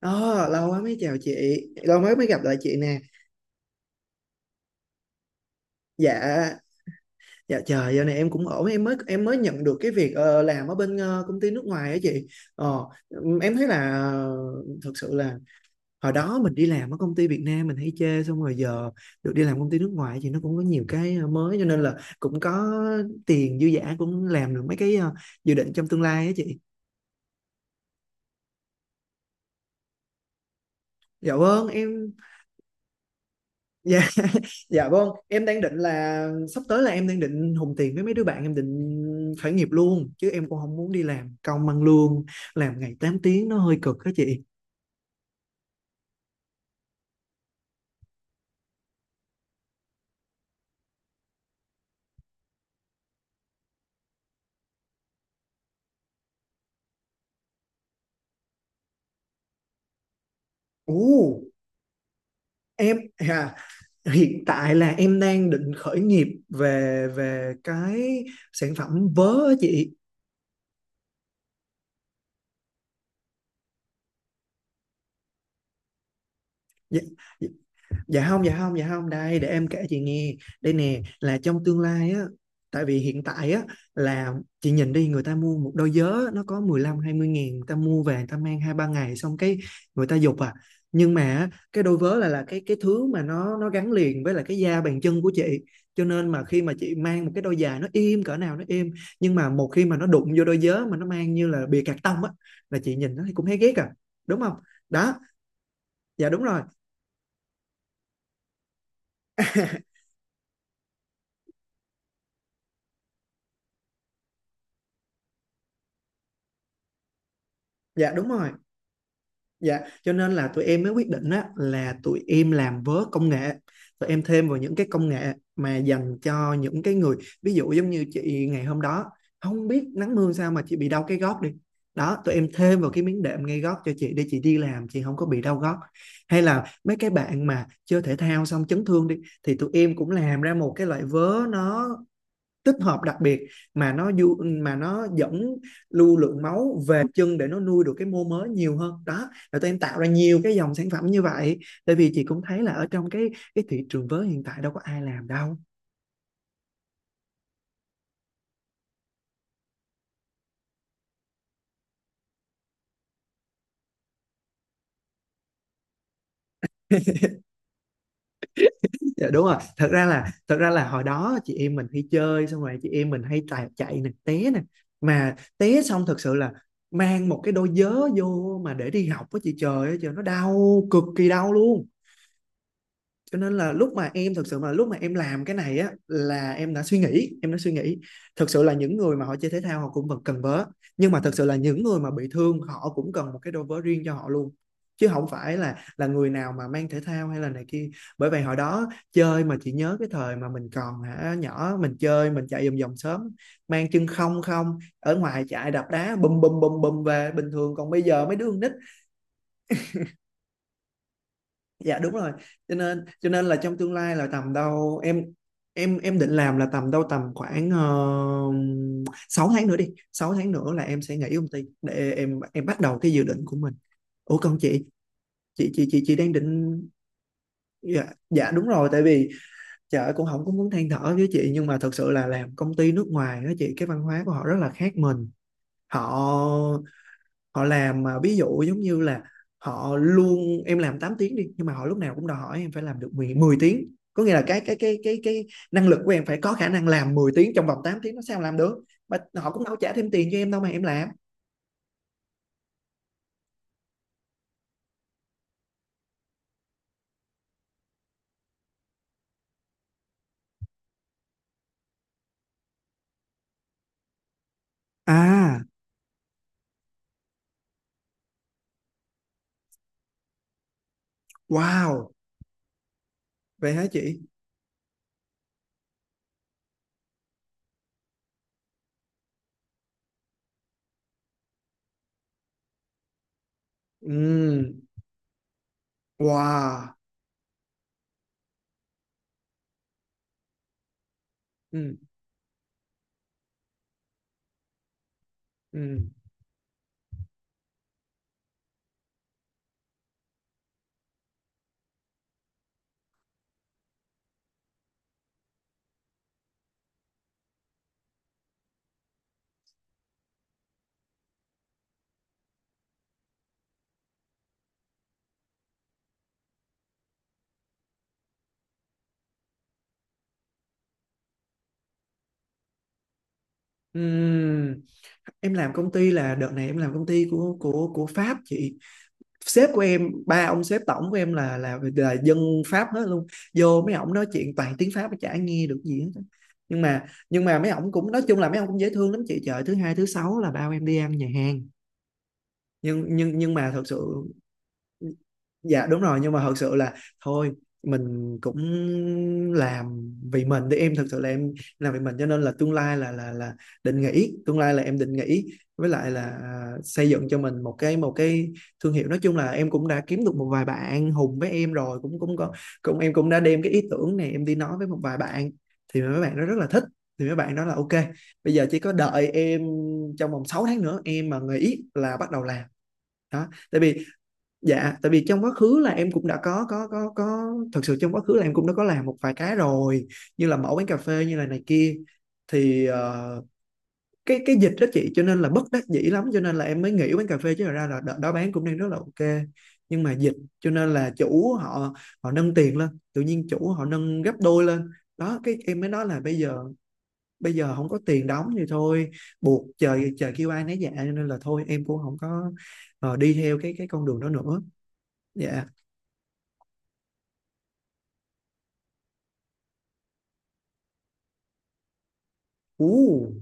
Ờ, lâu quá mới chào chị, lâu mới mới gặp lại chị nè. Dạ, dạ trời, giờ này em cũng ổn, em mới nhận được cái việc làm ở bên công ty nước ngoài á chị. Em thấy là thực sự là hồi đó mình đi làm ở công ty Việt Nam mình hay chê, xong rồi giờ được đi làm công ty nước ngoài thì nó cũng có nhiều cái mới, cho nên là cũng có tiền dư dả, cũng làm được mấy cái dự định trong tương lai á chị. Dạ vâng. Dạ, dạ vâng. Em đang định là sắp tới là em đang định hùng tiền với mấy đứa bạn, em định khởi nghiệp luôn chứ em cũng không muốn đi làm công ăn lương, làm ngày 8 tiếng nó hơi cực đó chị. Ồ, em à, hiện tại là em đang định khởi nghiệp về về cái sản phẩm vớ á chị. Dạ, dạ, dạ không, dạ không, dạ không, đây để em kể chị nghe. Đây nè, là trong tương lai á, tại vì hiện tại á là chị nhìn đi, người ta mua một đôi giớ nó có 15 20 ngàn, người ta mua về người ta mang hai ba ngày xong cái người ta dục à. Nhưng mà á, cái đôi vớ là cái thứ mà nó gắn liền với là cái da bàn chân của chị, cho nên mà khi mà chị mang một cái đôi giày nó im cỡ nào nó im, nhưng mà một khi mà nó đụng vô đôi giớ mà nó mang như là bìa cạc tông á là chị nhìn nó thì cũng thấy ghét à, đúng không? Đó. Dạ đúng rồi. Dạ đúng rồi. Dạ, cho nên là tụi em mới quyết định á, là tụi em làm vớ công nghệ. Tụi em thêm vào những cái công nghệ mà dành cho những cái người, ví dụ giống như chị ngày hôm đó, không biết nắng mưa sao mà chị bị đau cái gót đi. Đó, tụi em thêm vào cái miếng đệm ngay gót cho chị để chị đi làm, chị không có bị đau gót. Hay là mấy cái bạn mà chơi thể thao xong chấn thương đi, thì tụi em cũng làm ra một cái loại vớ nó tích hợp đặc biệt mà nó du mà nó dẫn lưu lượng máu về chân để nó nuôi được cái mô mới nhiều hơn. Đó, và tụi em tạo ra nhiều cái dòng sản phẩm như vậy, tại vì chị cũng thấy là ở trong cái thị trường vớ hiện tại đâu có ai làm đâu. Dạ, đúng rồi. Thật ra là hồi đó chị em mình hay chơi, xong rồi chị em mình hay chạy chạy nè, té nè, mà té xong thật sự là mang một cái đôi vớ vô mà để đi học với chị, trời ơi trời, nó đau cực kỳ, đau luôn. Cho nên là lúc mà em làm cái này á là em đã suy nghĩ, em đã suy nghĩ, thực sự là những người mà họ chơi thể thao họ cũng vẫn cần vớ, nhưng mà thực sự là những người mà bị thương họ cũng cần một cái đôi vớ riêng cho họ luôn, chứ không phải là người nào mà mang thể thao hay là này kia. Bởi vậy hồi đó chơi, mà chị nhớ cái thời mà mình còn hả nhỏ, mình chơi mình chạy vòng vòng sớm, mang chân không không ở ngoài chạy đập đá bùm bùm bùm bùm về bình thường, còn bây giờ mấy đứa con nít. Dạ đúng rồi. Cho nên là trong tương lai là tầm đâu em định làm là tầm khoảng 6 tháng nữa đi, 6 tháng nữa là em sẽ nghỉ công ty để em bắt đầu cái dự định của mình. Ủa còn chị đang định... Dạ. Dạ đúng rồi, tại vì chợ cũng không có muốn than thở với chị, nhưng mà thật sự là làm công ty nước ngoài đó chị, cái văn hóa của họ rất là khác mình. Họ, làm mà ví dụ giống như là họ luôn em làm 8 tiếng đi, nhưng mà họ lúc nào cũng đòi hỏi em phải làm được 10 10 tiếng, có nghĩa là cái năng lực của em phải có khả năng làm 10 tiếng trong vòng 8 tiếng, nó sao làm được, mà họ cũng đâu trả thêm tiền cho em đâu mà em làm. À, wow. Vậy hả chị? Ừ. Wow. Ừ, ừ, ừ. Em làm công ty là đợt này em làm công ty của Pháp chị. Sếp của em, ba ông sếp tổng của em là dân Pháp hết luôn. Vô mấy ổng nói chuyện toàn tiếng Pháp mà chả nghe được gì hết. Nhưng mà mấy ổng cũng nói chung là mấy ổng cũng dễ thương lắm chị, trời, thứ hai thứ sáu là bao em đi ăn nhà hàng. Nhưng mà thật sự... Dạ đúng rồi, nhưng mà thật sự là thôi, mình cũng làm vì mình, thì em thật sự là em làm vì mình, cho nên là tương lai là định nghỉ, tương lai là em định nghỉ, với lại là xây dựng cho mình một cái thương hiệu. Nói chung là em cũng đã kiếm được một vài bạn hùng với em rồi, cũng cũng có, cũng em cũng đã đem cái ý tưởng này em đi nói với một vài bạn, thì mấy bạn nó rất là thích, thì mấy bạn nói là OK, bây giờ chỉ có đợi em trong vòng 6 tháng nữa, em mà nghỉ là bắt đầu làm. Đó tại vì... Dạ, tại vì trong quá khứ là em cũng đã có, thật sự trong quá khứ là em cũng đã có làm một vài cái rồi, như là mẫu quán cà phê, như là này kia. Thì cái dịch đó chị, cho nên là bất đắc dĩ lắm cho nên là em mới nghỉ quán cà phê, chứ thật ra là đợt đó bán cũng đang rất là OK, nhưng mà dịch, cho nên là chủ họ, họ nâng tiền lên, tự nhiên chủ họ nâng gấp đôi lên. Đó, cái em mới nói là bây giờ, bây giờ không có tiền đóng thì thôi, buộc, trời trời kêu ai nấy dạ, cho nên là thôi em cũng không có đi theo cái con đường đó nữa. Dạ. Ú,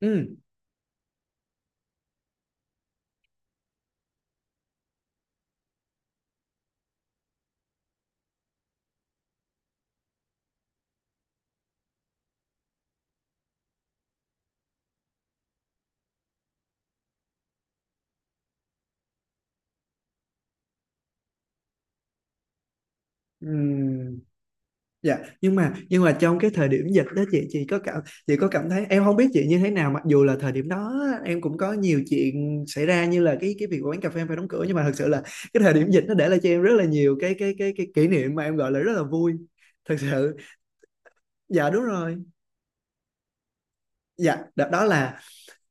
ừ, ừm, dạ. Nhưng mà trong cái thời điểm dịch đó chị có cảm thấy, em không biết chị như thế nào, mặc dù là thời điểm đó em cũng có nhiều chuyện xảy ra, như là cái việc quán cà phê em phải đóng cửa, nhưng mà thật sự là cái thời điểm dịch nó để lại cho em rất là nhiều cái kỷ niệm mà em gọi là rất là vui, thật sự. Dạ đúng rồi. Dạ đó, đó là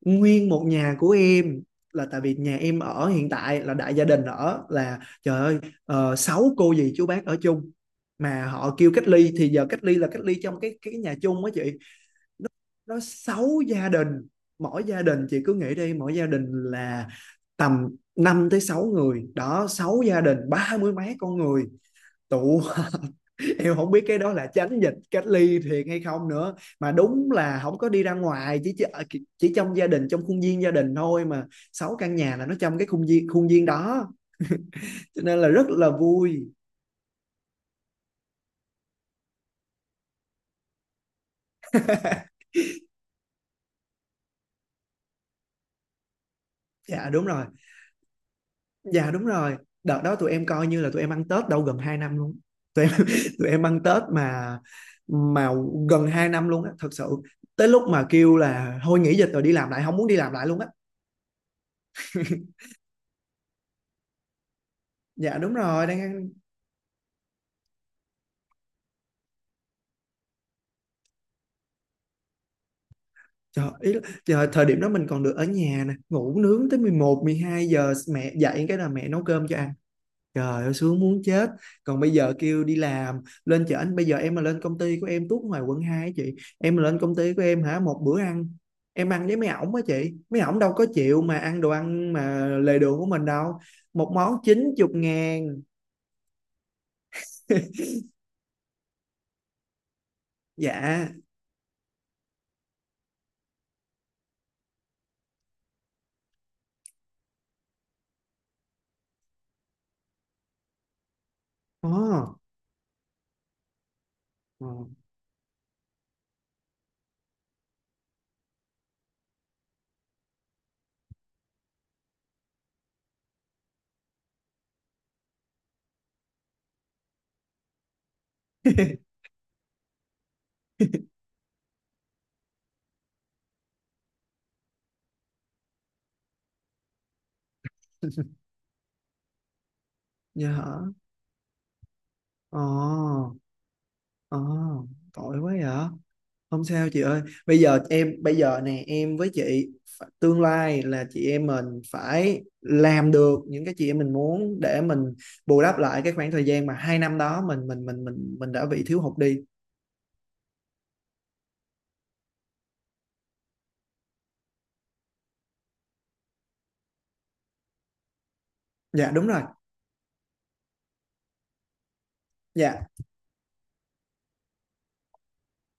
nguyên một nhà của em, là tại vì nhà em ở hiện tại là đại gia đình ở, là trời ơi, sáu cô dì chú bác ở chung, mà họ kêu cách ly. Thì giờ cách ly là cách ly trong cái nhà chung á chị, nó sáu gia đình, mỗi gia đình chị cứ nghĩ đi, mỗi gia đình là tầm 5 tới 6 người đó, sáu gia đình ba mươi mấy con người tụ. Hiếu không biết cái đó là tránh dịch cách ly thiệt hay không nữa, mà đúng là không có đi ra ngoài, chỉ chỉ trong gia đình, trong khuôn viên gia đình thôi mà, 6 căn nhà là nó trong cái khuôn viên đó, cho nên là rất là vui. Dạ, đúng rồi. Dạ, đúng rồi, đợt đó tụi em coi như là tụi em ăn Tết đâu gần 2 năm luôn. Tụi em tụi em ăn Tết mà gần 2 năm luôn á, thật sự, tới lúc mà kêu là thôi nghỉ dịch rồi đi làm lại, không muốn đi làm lại luôn á. Dạ, đúng rồi, đang... Trời, ý là trời, thời điểm đó mình còn được ở nhà nè, ngủ nướng tới 11, 12 giờ, mẹ dậy cái là mẹ nấu cơm cho ăn. Trời ơi sướng muốn chết. Còn bây giờ kêu đi làm, lên chợ anh bây giờ em mà lên công ty của em tuốt ngoài quận 2 á chị. Em mà lên công ty của em hả, một bữa ăn em ăn với mấy ổng á chị. Mấy ổng đâu có chịu mà ăn đồ ăn mà lề đường của mình đâu. Một món 90 ngàn. Dạ. Ồ. Ồ. Dạ hả? Ồ. Ồ. Tội quá vậy. Không sao chị ơi, bây giờ em, bây giờ nè em với chị phải- tương lai là chị em mình phải làm được những cái chị em mình muốn để mình bù đắp lại cái khoảng thời gian mà 2 năm đó mình đã bị thiếu hụt đi. Dạ đúng rồi. Dạ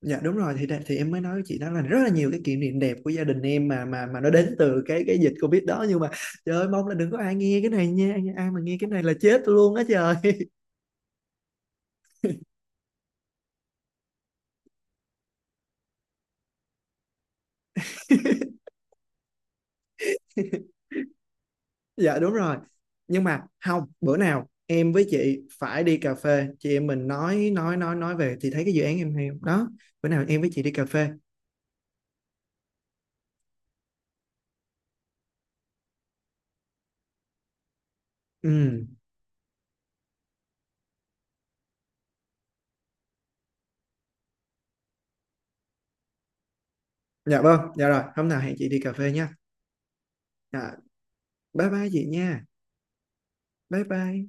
dạ đúng rồi, thì em mới nói với chị đó là rất là nhiều cái kỷ niệm đẹp của gia đình em, mà nó đến từ cái dịch Covid đó, nhưng mà trời ơi mong là đừng có ai nghe cái này nha, ai mà nghe cái này là chết luôn á trời. Dạ đúng rồi, nhưng mà không, bữa nào em với chị phải đi cà phê, chị em mình nói về thì thấy cái dự án em hay không? Đó, bữa nào em với chị đi cà phê. Ừ. Dạ vâng, dạ rồi, hôm nào hẹn chị đi cà phê nha. Dạ. Bye bye chị nha. Bye bye.